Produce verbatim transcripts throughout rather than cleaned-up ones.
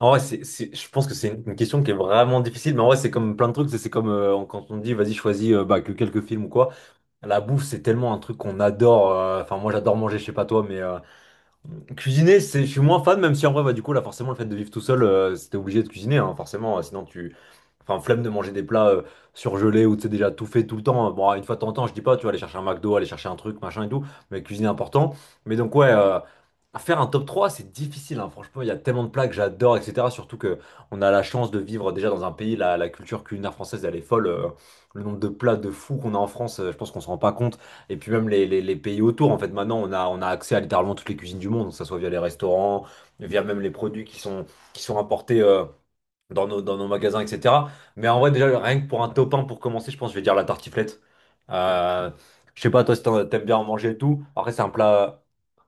En vrai, c'est, c'est- je pense que c'est une une question qui est vraiment difficile, mais en vrai, c'est comme plein de trucs. C'est c'est comme euh, on- quand on dit, vas-y, choisis euh, bah, que quelques films ou quoi. La bouffe, c'est tellement un truc qu'on adore. euh, Enfin, moi, j'adore manger, je sais pas toi, mais euh, Cuisiner, c'est, je suis moins fan, même si en vrai, bah, du coup, là, forcément, le fait de vivre tout seul, euh, c'était obligé de cuisiner, hein, forcément, euh, sinon tu. Enfin, flemme de manger des plats euh, surgelés ou tu sais déjà tout fait tout le temps. hein. Bon, une fois de temps en temps, je dis pas, tu vas aller chercher un McDo, aller chercher un truc, machin et tout, mais cuisiner important. Mais donc, ouais, euh, faire un top trois, c'est difficile, hein, franchement, il y a tellement de plats que j'adore, et cetera. Surtout que on a la chance de vivre déjà dans un pays, la, la culture culinaire française, elle est folle. euh, le nombre de plats de fous qu'on a en France, euh, je pense qu'on se rend pas compte. Et puis même les, les- les pays autour, en fait, maintenant, on a, on a accès à littéralement toutes les cuisines du monde, que ce soit via les restaurants, via même les produits qui sont, qui sont importés euh, dans nos, dans nos magasins, et cetera. Mais en vrai, déjà, rien que pour un top un, pour commencer, je pense que je vais dire la tartiflette. Euh, je sais pas, toi, si t'en- t'aimes bien en manger et tout. Après, c'est un plat,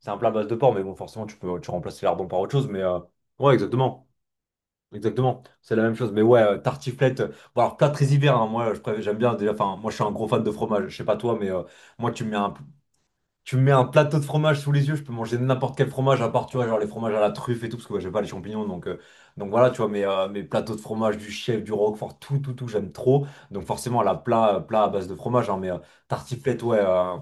c'est un plat à base de porc, mais bon, forcément, tu peux, tu remplaces lardons par autre chose. Mais euh, ouais, exactement. Exactement, c'est la même chose. Mais ouais, euh, tartiflette. euh, Bon, alors, plat très hiver, hein, moi, je préfère- j'aime bien déjà. Enfin, moi, je suis un gros fan de fromage. Je sais pas toi, mais euh, moi, tu me mets un, tu me mets un plateau de fromage sous les yeux, je peux manger n'importe quel fromage, à part, tu vois, genre les fromages à la truffe et tout, parce que ouais, j'aime pas les champignons, donc, euh, donc voilà, tu vois, mes, euh, mes plateaux de fromage du chef, du roquefort, tout, tout, tout, j'aime trop. Donc forcément, la plat, euh, plat à base de fromage, hein, mais euh, tartiflette, ouais. euh,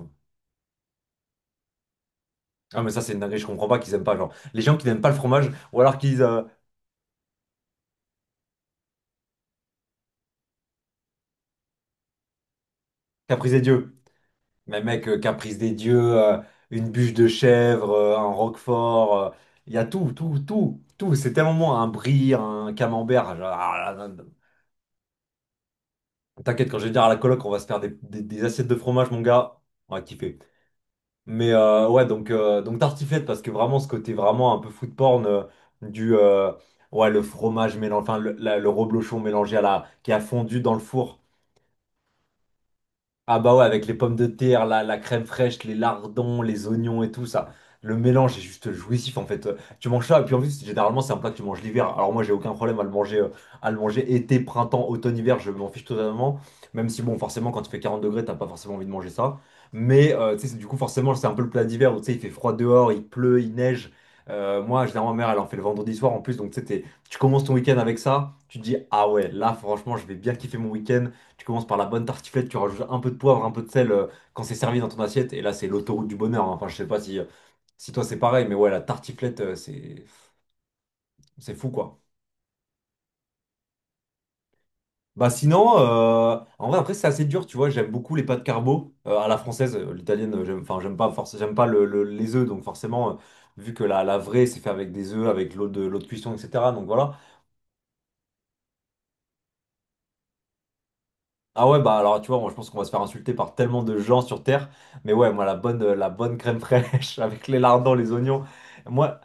Ah, mais ça, c'est une dinguerie, je comprends pas qu'ils aiment pas, genre, les gens qui n'aiment pas le fromage, ou alors qu'ils disent euh, caprice des dieux. Mais mec, euh, caprice des dieux, euh, une bûche de chèvre, euh, un roquefort, euh, il y a tout, tout, tout, tout. C'est tellement bon, un brie, un camembert, genre, ah là là. T'inquiète, quand je vais dire à la coloc, on va se faire des, des- des assiettes de fromage, mon gars. On va kiffer. Mais euh, ouais, donc, euh, donc tartiflette, parce que vraiment, ce côté vraiment un peu food porn euh, du. Euh, ouais, le fromage mélangé. Enfin, le, la- le reblochon mélangé à la. Qui a fondu dans le four. Ah bah ouais, avec les pommes de terre, la, la crème fraîche, les lardons, les oignons et tout ça. Le mélange est juste jouissif en fait. Euh, Tu manges ça et puis en plus généralement c'est un plat que tu manges l'hiver. Alors moi j'ai aucun problème à le manger, euh, à le manger été, printemps, automne, hiver, je m'en fiche totalement. Même si bon forcément quand il fait quarante degrés t'as pas forcément envie de manger ça. Mais euh, tu sais c'est- du coup forcément c'est un peu le plat d'hiver où tu sais il fait froid dehors, il pleut, il neige. Euh, moi généralement ma mère elle en fait le vendredi soir en plus donc tu sais, t'es- tu commences ton week-end avec ça, tu te dis ah ouais là franchement je vais bien kiffer mon week-end. Tu commences par la bonne tartiflette, tu rajoutes un peu de poivre, un peu de sel euh, quand c'est servi dans ton assiette. Et là, c'est l'autoroute du bonheur. hein. Enfin, je sais pas si, euh, si toi c'est pareil, mais ouais, la tartiflette, euh, c'est c'est fou quoi. Bah sinon, euh, en vrai, après, c'est assez dur, tu vois. J'aime beaucoup les pâtes carbo euh, à la française. Euh, L'italienne, euh, j'aime, enfin, j'aime pas, forcément j'aime pas le- le- les œufs, donc forcément, euh, vu que la, la vraie, c'est fait avec des œufs, avec l'eau de, l'eau de cuisson, et cetera. Donc voilà. Ah ouais, bah alors, tu vois, moi, je pense qu'on va se faire insulter par tellement de gens sur Terre. Mais ouais, moi, la bonne, euh, la bonne crème fraîche avec les lardons, les oignons. Moi,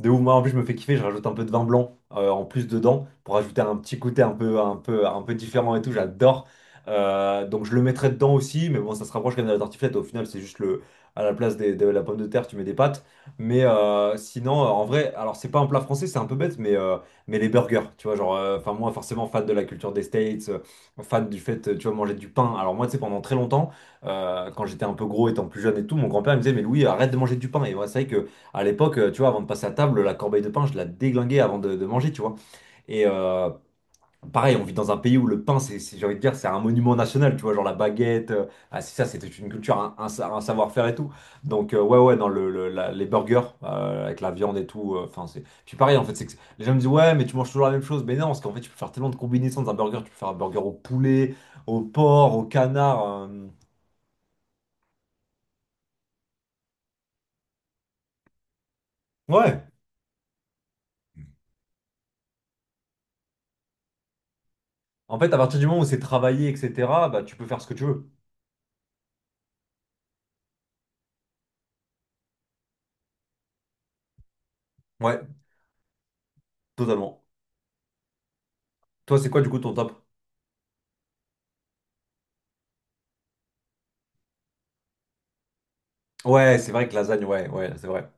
De ouf, moi en plus je me fais kiffer, je rajoute un peu de vin blanc euh, en plus dedans pour ajouter un petit côté un peu, un peu, un peu différent et tout, j'adore. Euh, donc je le mettrai dedans aussi, mais bon ça se rapproche quand même de la tartiflette, au final c'est juste le, à la place des- de la pomme de terre tu mets des pâtes. Mais euh, sinon euh, en vrai, alors c'est pas un plat français, c'est un peu bête, mais, euh, mais les burgers, tu vois, genre, euh, enfin moi forcément fan de la culture des States, euh, fan du fait, euh, tu vois, manger du pain. Alors moi tu sais pendant très longtemps, euh, quand j'étais un peu gros étant plus jeune et tout, mon grand-père il me disait mais Louis arrête de manger du pain. Et moi c'est vrai que... À l'époque, euh, tu vois, avant de passer à table, la corbeille de pain, je la déglinguais avant de, de manger, tu vois. Et euh, pareil, on vit dans un pays où le pain, c'est, c'est- j'ai envie de dire, c'est un monument national, tu vois, genre la baguette. euh, ah, c'est ça, c'était une culture, un, un sa- un savoir-faire et tout. Donc, euh, ouais, ouais, dans le, le- la- les burgers, euh, avec la viande et tout. euh, Enfin, c'est. Puis pareil, en fait, c'est que les gens me disent, ouais, mais tu manges toujours la même chose. Mais non, parce qu'en fait, tu peux faire tellement de combinaisons dans un burger. Tu peux faire un burger au poulet, au porc, au canard. euh, Ouais. En fait, à partir du moment où c'est travaillé, et cetera, bah, tu peux faire ce que tu veux. Ouais, totalement. Toi, c'est quoi du coup ton top? Ouais, c'est vrai que lasagne, ouais, ouais, c'est vrai,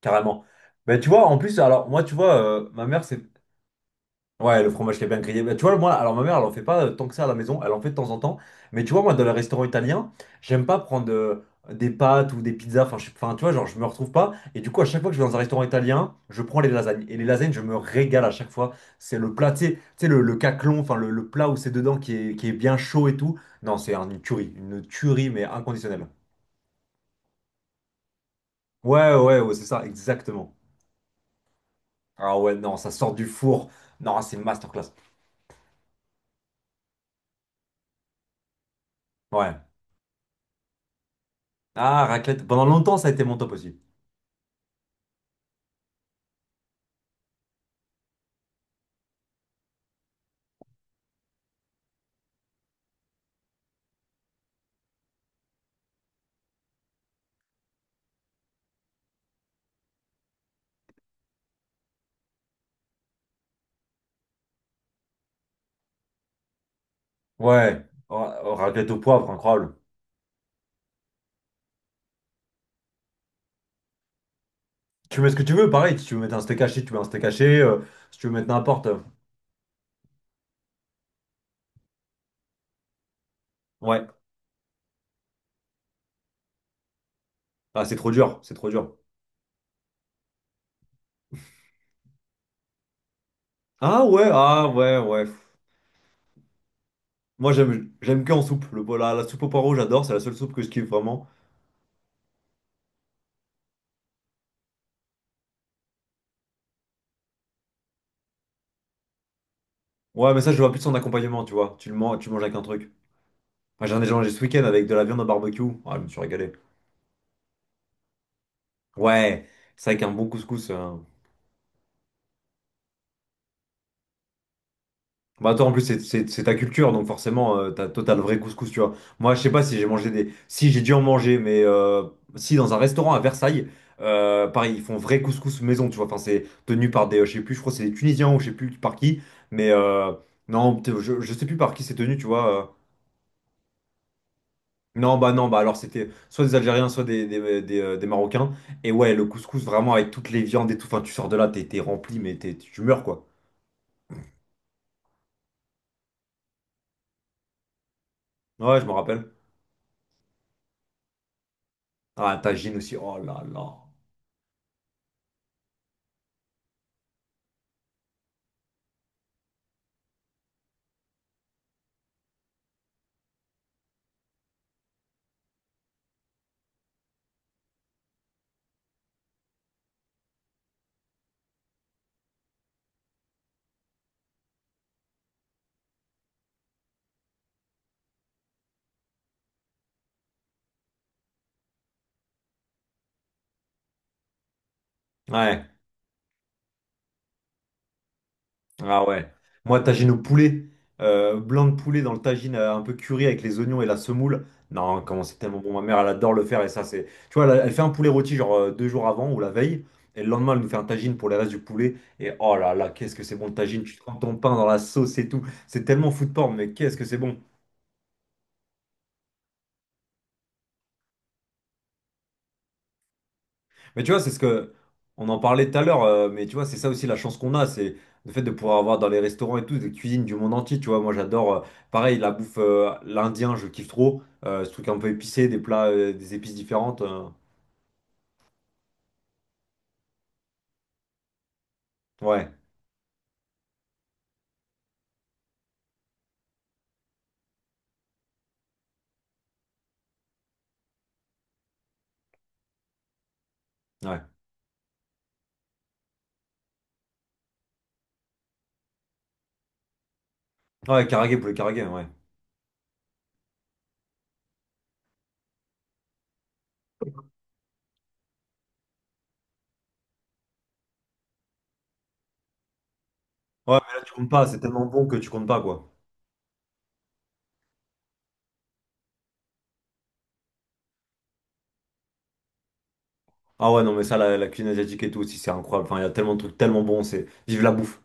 carrément. Mais tu vois, en plus, alors moi, tu vois, euh, ma mère, c'est. Ouais, le fromage qui est bien grillé. Mais tu vois, moi, alors ma mère, elle en fait pas euh, tant que ça à la maison, elle en fait de temps en temps. Mais tu vois, moi, dans les restaurants italiens, j'aime pas prendre euh, des pâtes ou des pizzas. Enfin, je- enfin, tu vois, genre, je me retrouve pas. Et du coup, à chaque fois que je vais dans un restaurant italien, je prends les lasagnes. Et les lasagnes, je me régale à chaque fois. C'est le plat, tu sais, tu sais, le, le caclon, enfin, le, le plat où c'est dedans qui est, qui est bien chaud et tout. Non, c'est un- une tuerie, une tuerie, mais inconditionnelle. Ouais, ouais, ouais, c'est ça, exactement. Ah ouais, non, ça sort du four. Non, c'est masterclass. Ouais. Ah, raclette. Pendant longtemps, ça a été mon top aussi. Ouais. Ra- Raclette au poivre, incroyable. Tu mets ce que tu veux, pareil. Si tu veux mettre un steak haché, tu mets un steak haché. euh, si tu veux mettre n'importe. euh, Ouais. Ah, c'est trop dur, c'est trop dur. Ah ouais, ah ouais, ouais. Moi, j'aime, j'aime que en soupe. Le, la, la soupe au poireau, j'adore. C'est la seule soupe que je kiffe vraiment. Ouais, mais ça, je vois plus son accompagnement, tu vois. Tu le manges, tu manges avec un truc. Moi, j'en ai mangé ce week-end avec de la viande au barbecue. Ah, je me suis régalé. Ouais, c'est vrai qu'un bon couscous. euh, Bah toi en plus c'est c'est- c'est ta culture donc forcément euh, t'as total vrai couscous tu vois. Moi je sais pas si j'ai mangé des, si j'ai dû en manger mais euh, si dans un restaurant à Versailles, euh, pareil ils font vrai couscous maison tu vois. Enfin c'est tenu par des, euh, je sais plus, je crois que c'est des Tunisiens ou je sais plus par qui, mais euh, non peut je, je sais plus par qui c'est tenu tu vois. euh. Non bah non bah alors c'était soit des Algériens soit des des, des, euh, des Marocains et ouais le couscous vraiment avec toutes les viandes et tout. Enfin tu sors de là t'es t'es rempli mais t'es- tu meurs quoi. Ouais je me rappelle. Ah, tagine aussi. Oh là là. Ouais. Ah ouais. Moi, tagine au poulet. euh, blanc de poulet dans le tagine euh, un peu curry avec les oignons et la semoule. Non, comment c'est tellement bon. Ma mère, elle adore le faire. Et ça, c'est. Tu vois, elle, elle fait un poulet rôti genre euh, deux jours avant ou la veille. Et le lendemain, elle nous fait un tagine pour les restes du poulet. Et oh là là, qu'est-ce que c'est bon le tagine. Tu trempes ton pain dans la sauce et tout. C'est tellement food porn, mais qu'est-ce que c'est bon. Mais tu vois, c'est ce que on en parlait tout à l'heure, euh, mais tu vois, c'est ça aussi la chance qu'on a, c'est le fait de pouvoir avoir dans les restaurants et tout des cuisines du monde entier, tu vois. Moi, j'adore, euh, pareil, la bouffe, euh, l'indien, je kiffe trop, euh, ce truc un peu épicé, des plats, euh, des épices différentes. euh, ouais, ouais. Ouais, karagé, poulet karagé, ouais. Ouais, mais là, tu comptes pas, c'est tellement bon que tu comptes pas, quoi. Ah ouais, non, mais ça, la, la cuisine asiatique et tout aussi, c'est incroyable. Enfin, il y a tellement de trucs tellement bons, c'est... Vive la bouffe.